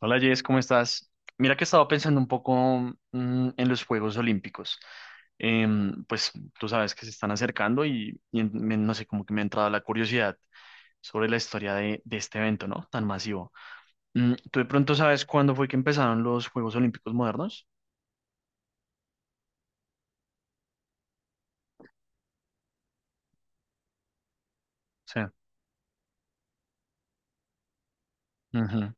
Hola Jess, ¿cómo estás? Mira que estaba pensando un poco en los Juegos Olímpicos. Pues tú sabes que se están acercando y no sé, como que me ha entrado la curiosidad sobre la historia de este evento, ¿no? Tan masivo. Mm, ¿tú de pronto sabes cuándo fue que empezaron los Juegos Olímpicos modernos? Sí. Ujú,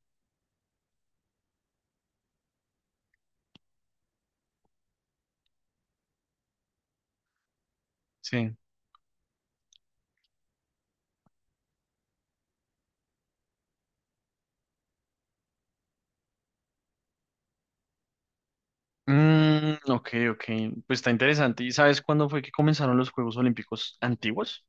sí. Mm, ok, ok. Pues está interesante. ¿Y sabes cuándo fue que comenzaron los Juegos Olímpicos antiguos?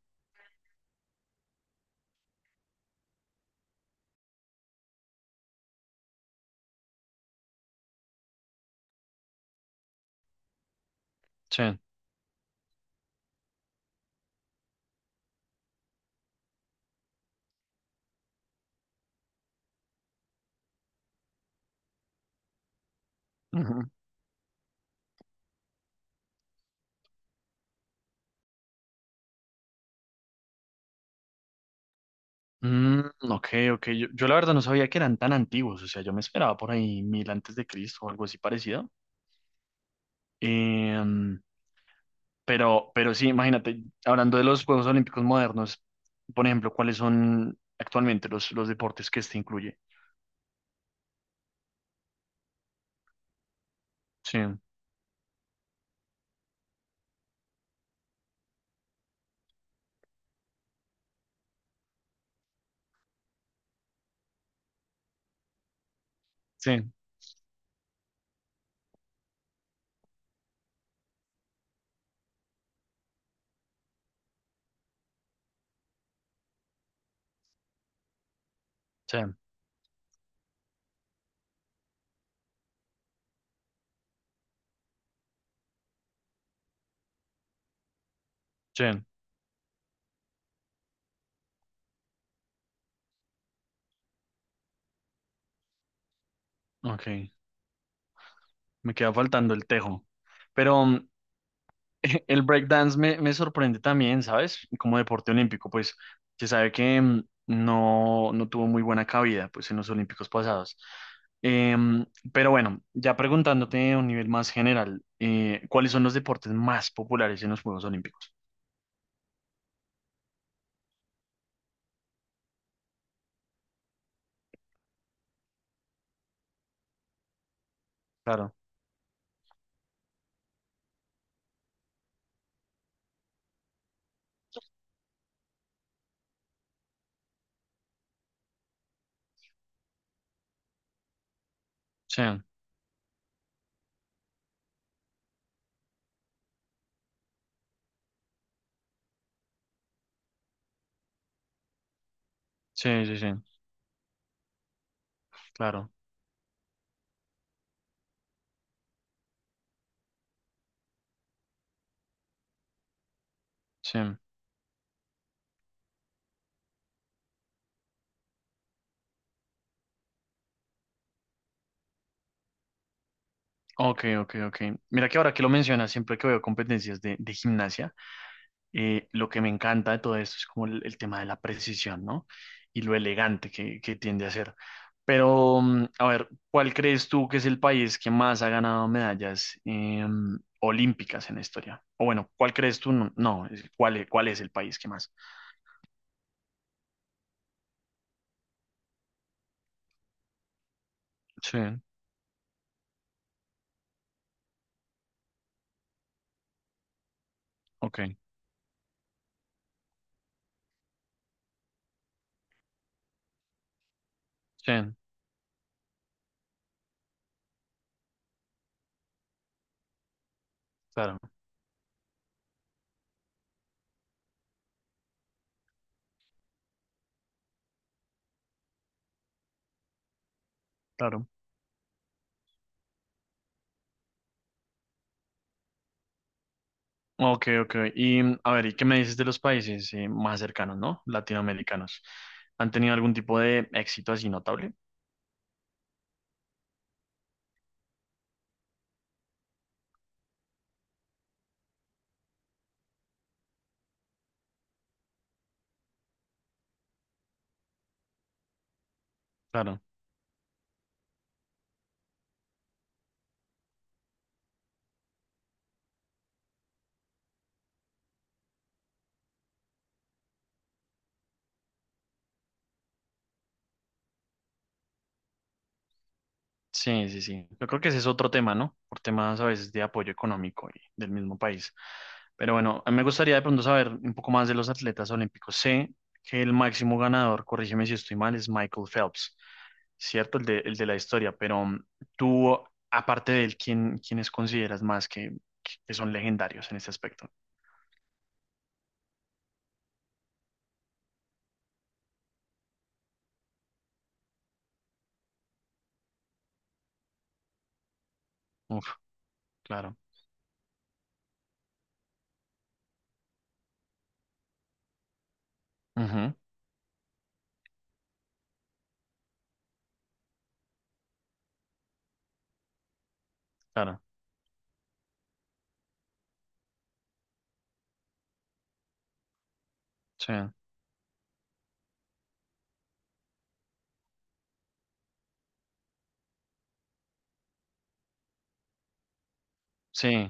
Sí. Mm, ok, ok. Yo la verdad no sabía que eran tan antiguos. O sea, yo me esperaba por ahí mil antes de Cristo o algo así parecido. Em, pero sí, imagínate, hablando de los Juegos Olímpicos modernos, por ejemplo, ¿cuáles son actualmente los deportes que este incluye? Sí, sí, sí, sí. Ok, me queda faltando el tejo. Pero, el breakdance me sorprende también, ¿sabes? Como deporte olímpico, pues se sabe que no, no tuvo muy buena cabida pues, en los olímpicos pasados. Em, pero bueno, ya preguntándote a un nivel más general, ¿cuáles son los deportes más populares en los Juegos Olímpicos? Claro, sí, sí, sí, sí, claro, sí. Ok, ok, ok. Mira que ahora que lo mencionas, siempre que veo competencias de gimnasia, lo que me encanta de todo esto es como el tema de la precisión, ¿no? Y lo elegante que tiende a ser. Pero, mm, a ver, ¿cuál crees tú que es el país que más ha ganado medallas olímpicas en la historia? O bueno, ¿cuál crees tú? No, no, es- cuál es el país que más? Sí, ok, sí, claro, claro. Ok, ok. Y mm, a ver, ¿y qué me dices de los países más cercanos, ¿no? Latinoamericanos. ¿Han tenido algún tipo de éxito así notable? Claro. Sí, sí, sí. Yo creo que ese es otro tema, ¿no? Por temas a veces de apoyo económico y del mismo país. Pero bueno, a mí me gustaría de pronto saber un poco más de los atletas olímpicos. Sé que el máximo ganador, corrígeme si estoy mal, es Michael Phelps, ¿cierto? El de la historia. Pero mm, tú, aparte de él, quiénes consideras más que son legendarios en este aspecto? Uf, claro. Ujú, claro. Sí, sí,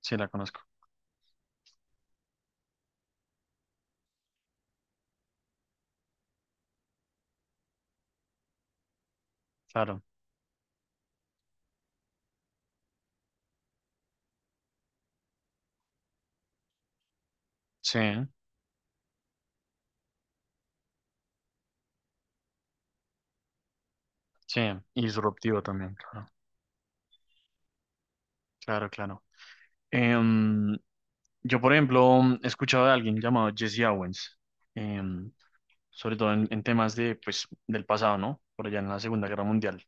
sí, la conozco. Claro. Sí, sí. Y disruptivo también, claro. Claro, claro. Em, yo, por ejemplo, he escuchado de alguien llamado Jesse Owens, em, sobre todo en temas de, pues, del pasado, ¿no? Por allá en la Segunda Guerra Mundial,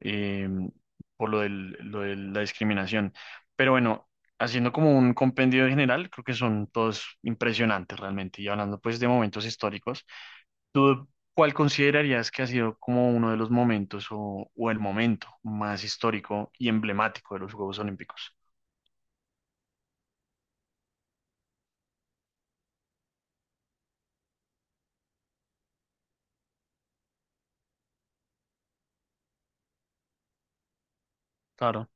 em, lo de la discriminación. Pero bueno, haciendo como un compendio general, creo que son todos impresionantes realmente. Y hablando pues de momentos históricos, ¿tú cuál considerarías que ha sido como uno de los momentos o el momento más histórico y emblemático de los Juegos Olímpicos? Claro.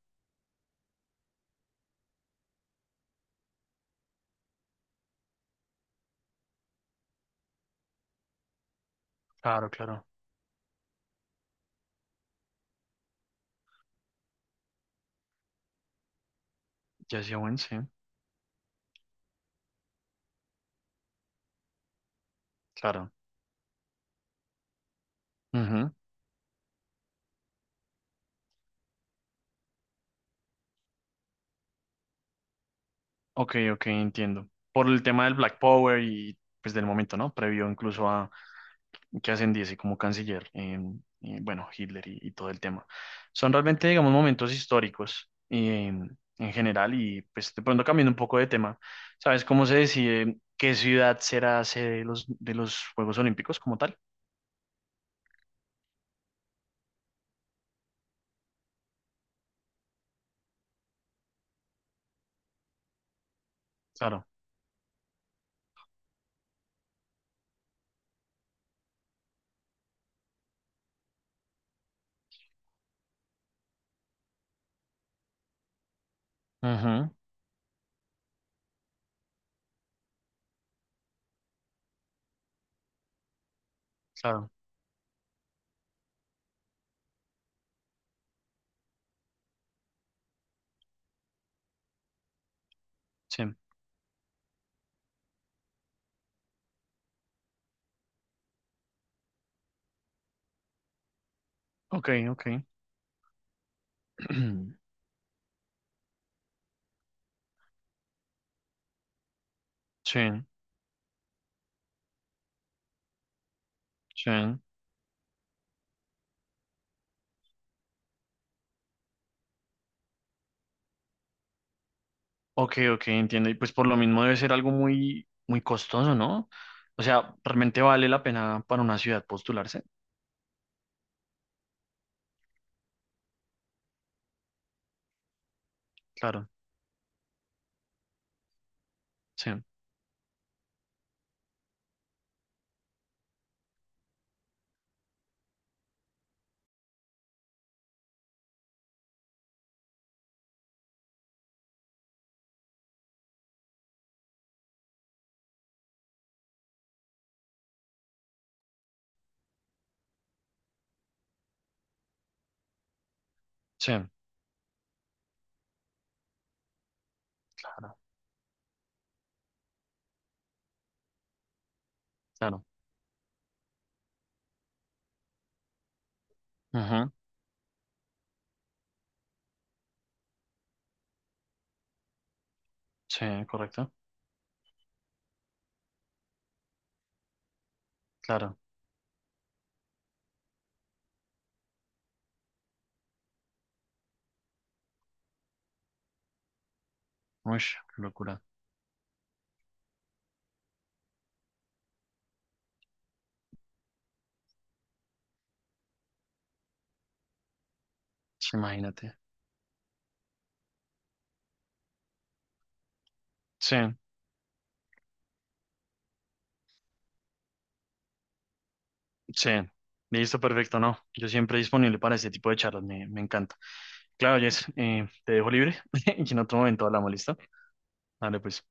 Claro, claro. Jesse Owens, sí. Claro. Ujú. Ok, ok, entiendo. Por el tema del Black Power y pues del momento, ¿no? Previo incluso a que ascendiese como canciller, bueno, Hitler y todo el tema. Son realmente, digamos, momentos históricos en general y pues de pronto cambiando un poco de tema, ¿sabes cómo se decide qué ciudad será sede de de los Juegos Olímpicos como tal? Claro. Ujú, claro, sí. Ok, ok. Sí, sí. Ok, ok, entiendo. Y pues por lo mismo debe ser algo muy, muy costoso, ¿no? O sea, realmente vale la pena para una ciudad postularse. Claro, sí, sí, claro, claro. Ujú, sí, correcto, claro. Uy, qué locura. Sí, imagínate. Sí, sí. Listo, perfecto, no. Yo siempre disponible para este tipo de charlas, me encanta. Claro, Jess, te dejo libre y en otro momento hablamos, ¿listo? Dale, pues.